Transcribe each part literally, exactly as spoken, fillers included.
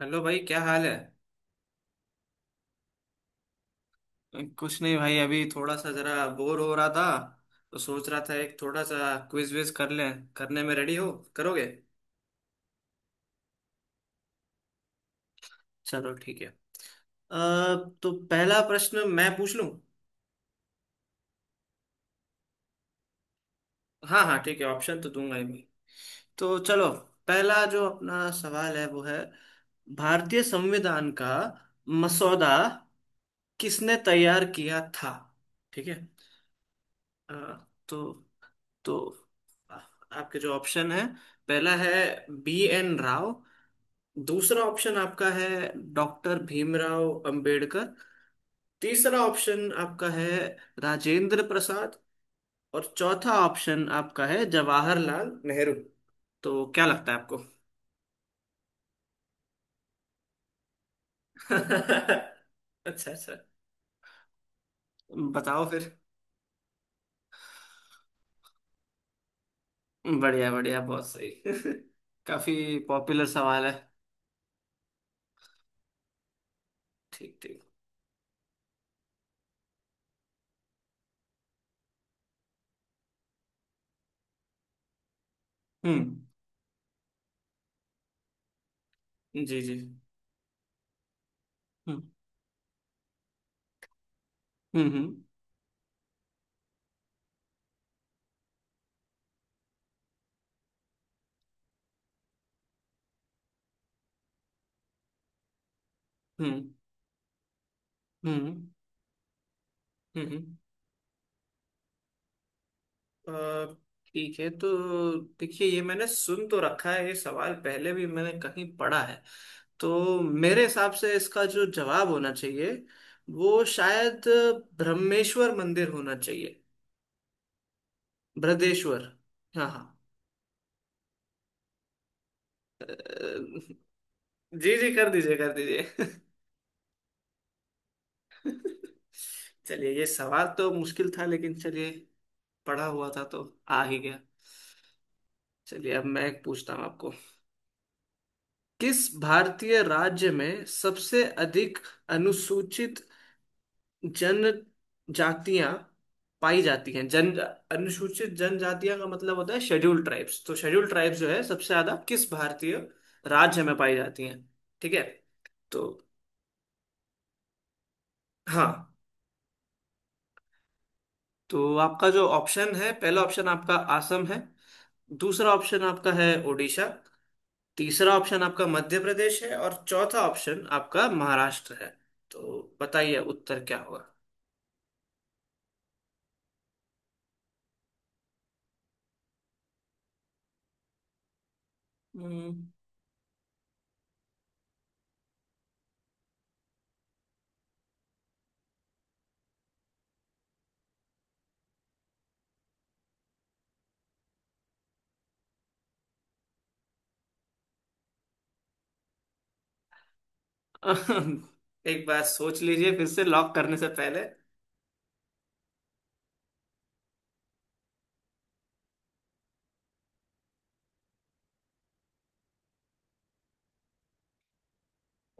Hello भाई, क्या हाल है। कुछ नहीं भाई, अभी थोड़ा सा जरा बोर हो रहा था। तो सोच रहा था एक थोड़ा सा क्विज विज कर लें। करने में रेडी हो? करोगे? चलो ठीक है। अ, तो पहला प्रश्न मैं पूछ लूं। हाँ हाँ ठीक है, ऑप्शन तो दूंगा ही मैं। तो चलो। पहला जो अपना सवाल है वो है, भारतीय संविधान का मसौदा किसने तैयार किया था। ठीक है। अ, तो तो आपके जो ऑप्शन है, पहला है बी एन राव। दूसरा ऑप्शन आपका है डॉक्टर भीमराव अंबेडकर। तीसरा ऑप्शन आपका है राजेंद्र प्रसाद। और चौथा ऑप्शन आपका है जवाहरलाल नेहरू। तो क्या लगता है आपको? अच्छा अच्छा। बताओ फिर। बढ़िया बढ़िया, बहुत सही। काफी पॉपुलर सवाल है। ठीक ठीक। हम्म। जी जी। हम्म हम्म। हम्म हम्म। हम्म हम्म। हम्म। अ, ठीक है तो देखिए, ये मैंने सुन तो रखा है, ये सवाल पहले भी मैंने कहीं पढ़ा है। तो मेरे हिसाब से इसका जो जवाब होना चाहिए वो शायद ब्रह्मेश्वर मंदिर होना चाहिए। बृहदेश्वर। हाँ हाँ। अ, जी जी कर दीजिए कर दीजिए। चलिए ये सवाल तो मुश्किल था, लेकिन चलिए पढ़ा हुआ था तो आ ही गया। चलिए अब मैं एक पूछता हूँ आपको। किस भारतीय राज्य में सबसे अधिक अनुसूचित जन जातियां पाई जाती हैं। जन अनुसूचित जनजातियां का मतलब होता है शेड्यूल्ड ट्राइब्स। तो शेड्यूल्ड ट्राइब्स जो है सबसे ज्यादा किस भारतीय राज्य में पाई जाती हैं। ठीक है। तो हाँ, तो आपका जो ऑप्शन है, पहला ऑप्शन आपका असम है। दूसरा ऑप्शन आपका है उड़ीसा। तीसरा ऑप्शन आपका मध्य प्रदेश है। और चौथा ऑप्शन आपका महाराष्ट्र है। तो बताइए उत्तर क्या होगा। हम्म। एक बार सोच लीजिए फिर से लॉक करने से पहले।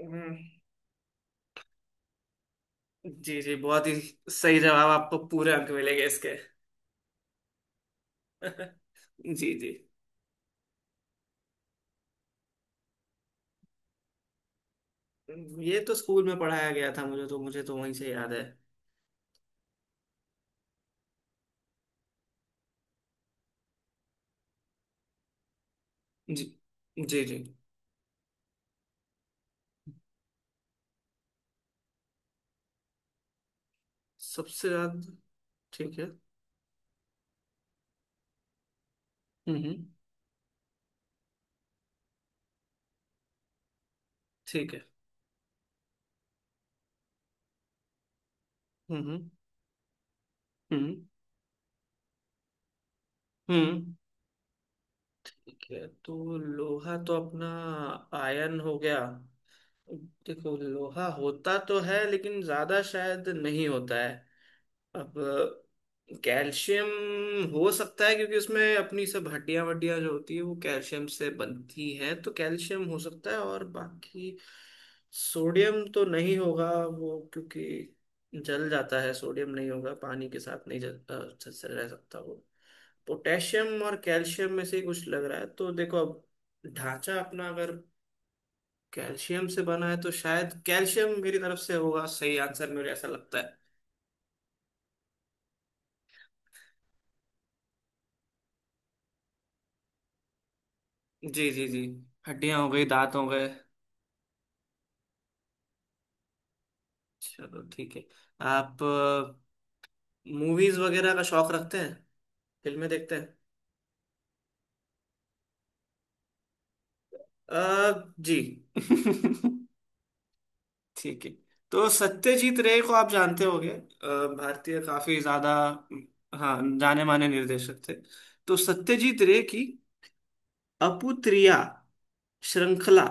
हम्म, जी जी। बहुत ही सही जवाब, आपको पूरे अंक मिलेंगे इसके। जी जी। ये तो स्कूल में पढ़ाया गया था, मुझे तो मुझे तो वहीं से याद है। जी जी जी। सबसे ज्यादा। ठीक है। हम्म हम्म। ठीक है। हम्म हम्म। हम्म हम्म। ठीक है तो लोहा तो अपना आयन हो गया। देखो लोहा होता तो है, लेकिन ज्यादा शायद नहीं होता है। अब कैल्शियम हो सकता है, क्योंकि उसमें अपनी सब हड्डियां वड्डियां जो होती है वो कैल्शियम से बनती हैं। तो कैल्शियम हो सकता है। और बाकी सोडियम तो नहीं होगा वो, क्योंकि जल जाता है। सोडियम नहीं होगा, पानी के साथ नहीं जल अ, अच्छे से रह सकता वो। पोटेशियम और कैल्शियम में से ही कुछ लग रहा है। तो देखो अब, ढांचा अपना अगर कैल्शियम से बना है, तो शायद कैल्शियम मेरी तरफ से होगा सही आंसर, मुझे ऐसा लगता है। जी जी जी। हड्डियां हो गई, दांत हो गए। चलो ठीक है। आप मूवीज वगैरह का शौक रखते हैं? फिल्में देखते हैं? अ, जी। ठीक है। तो सत्यजीत रे को आप जानते होंगे, अ, भारतीय, काफी ज्यादा। हाँ, जाने माने निर्देशक थे। तो सत्यजीत रे की अपुत्रिया श्रृंखला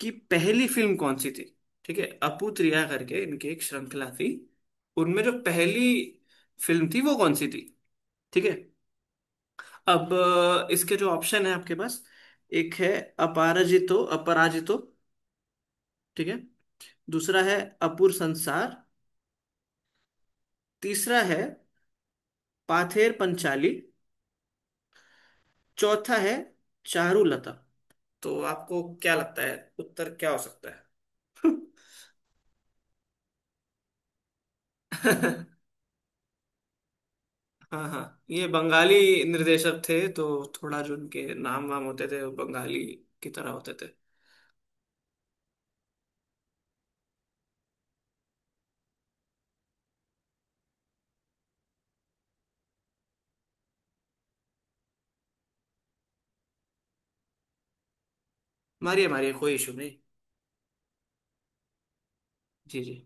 कि पहली फिल्म कौन सी थी। ठीक है, अपूतरिया करके इनकी एक श्रृंखला थी। उनमें जो पहली फिल्म थी वो कौन सी थी। ठीक है। अब अ, इसके जो ऑप्शन है आपके पास, एक है अपराजितो अपराजितो। ठीक है। दूसरा है अपूर संसार। तीसरा है पाथेर पंचाली। चौथा है चारुलता। तो आपको क्या लगता है उत्तर क्या हो सकता है? हाँ हाँ। ये बंगाली निर्देशक थे, तो थोड़ा जो उनके नाम वाम होते थे वो बंगाली की तरह होते थे। मारिए मारिए, कोई इशू नहीं। जी जी।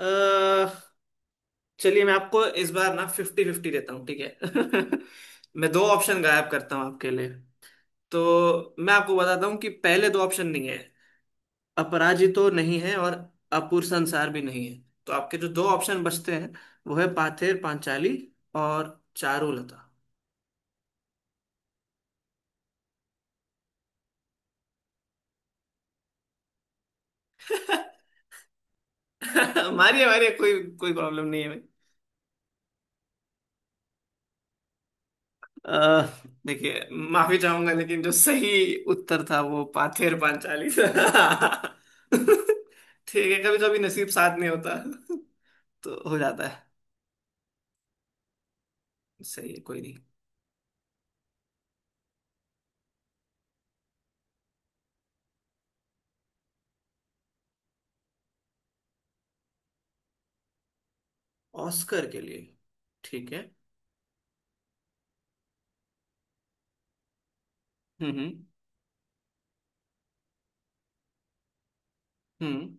अह, चलिए मैं आपको इस बार ना फिफ्टी फिफ्टी देता हूँ, ठीक है। मैं दो ऑप्शन गायब करता हूँ आपके लिए। तो मैं आपको बताता हूँ कि पहले दो ऑप्शन नहीं है। अपराजितो नहीं है, और अपूर संसार भी नहीं है। तो आपके जो दो ऑप्शन बचते हैं, वो है पाथेर पांचाली और चारुलता। मारिए मारिए, कोई कोई प्रॉब्लम नहीं है भाई। अह, देखिए, माफी चाहूंगा, लेकिन जो सही उत्तर था वो पाथेर पांचाली था। ठीक है, कभी कभी नसीब साथ नहीं होता। तो हो जाता है। सही है, कोई नहीं। ऑस्कर के लिए। ठीक है। हम्म हम्म।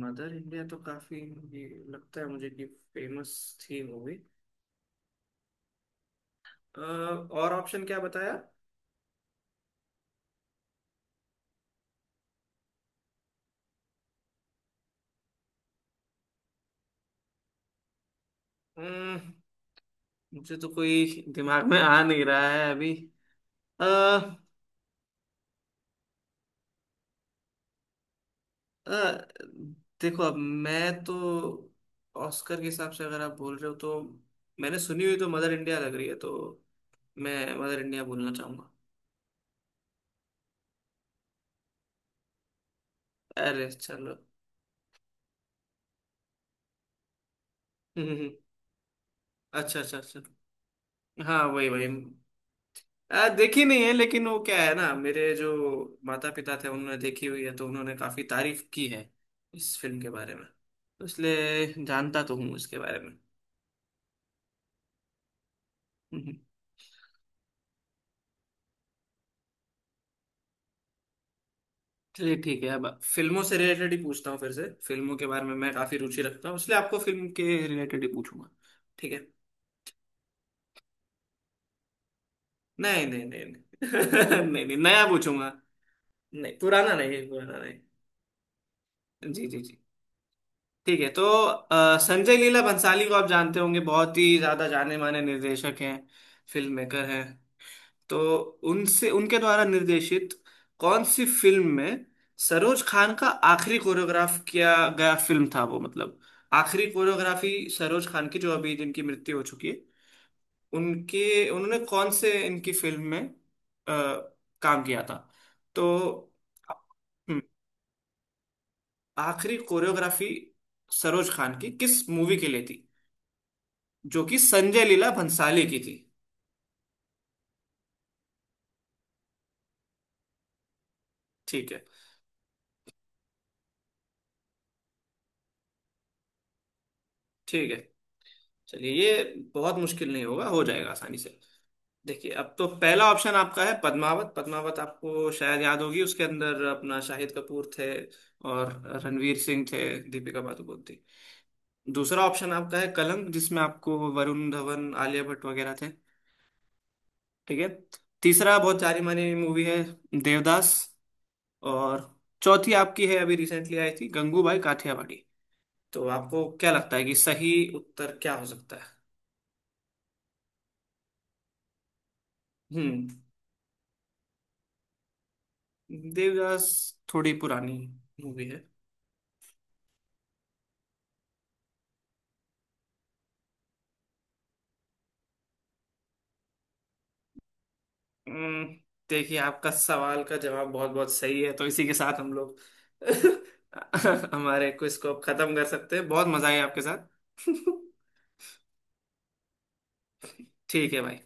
मदर इंडिया तो काफी, ये लगता है मुझे कि फेमस थी मूवी। और ऑप्शन क्या बताया? हम्म, मुझे तो कोई दिमाग में आ नहीं रहा है अभी। अ, अ, देखो अब मैं तो, ऑस्कर के हिसाब से अगर आप बोल रहे हो तो मैंने सुनी हुई तो मदर इंडिया लग रही है। तो मैं मदर इंडिया बोलना चाहूंगा। अरे चलो। हम्म, हम्म। अच्छा अच्छा अच्छा। हाँ वही वही। अ, देखी नहीं है, लेकिन वो क्या है ना, मेरे जो माता पिता थे उन्होंने देखी हुई है, तो उन्होंने काफी तारीफ की है इस फिल्म के बारे में। तो इसलिए जानता तो हूँ इसके बारे में। हम्म, हम्म। चलिए ठीक है, अब फिल्मों से रिलेटेड ही पूछता हूँ। फिर से फिल्मों के बारे में मैं काफी रुचि रखता हूँ, इसलिए आपको फिल्म के रिलेटेड ही पूछूंगा। ठीक है। नहीं नहीं नहीं नहीं नहीं नहीं, नया पूछूंगा। नहीं पुराना नहीं, पुराना नहीं। जी जी जी। ठीक है। तो अ, संजय लीला भंसाली को आप जानते होंगे, बहुत ही ज्यादा जाने माने निर्देशक हैं, फिल्म मेकर हैं। तो उनसे उनके द्वारा निर्देशित कौन सी फिल्म में सरोज खान का आखिरी कोरियोग्राफ किया गया फिल्म था वो। मतलब आखिरी कोरियोग्राफी सरोज खान की, जो अभी जिनकी मृत्यु हो चुकी है, उनके, उन्होंने कौन से इनकी फिल्म में अ, काम किया था। तो हम्म, आखिरी कोरियोग्राफी सरोज खान की किस मूवी के लिए थी, जो कि संजय लीला भंसाली की थी। ठीक है। ठीक है। चलिए, ये बहुत मुश्किल नहीं होगा, हो जाएगा आसानी से। देखिए अब तो, पहला ऑप्शन आपका है पद्मावत। पद्मावत आपको शायद याद होगी, उसके अंदर अपना शाहिद कपूर थे और रणवीर सिंह थे, दीपिका पादुकोण थी। दूसरा ऑप्शन आपका है कलंक, जिसमें आपको वरुण धवन आलिया भट्ट वगैरह थे। ठीक है। तीसरा बहुत जानी मानी मूवी है, देवदास। और चौथी आपकी है अभी रिसेंटली आई थी, गंगूबाई काठियावाड़ी। तो आपको क्या लगता है कि सही उत्तर क्या हो सकता है? हम्म। देवदास थोड़ी पुरानी मूवी है। हम्म, देखिए आपका सवाल का जवाब बहुत बहुत सही है, तो इसी के साथ हम लोग, हमारे क्विज को अब खत्म कर सकते हैं। बहुत मजा आया आपके साथ। ठीक है भाई।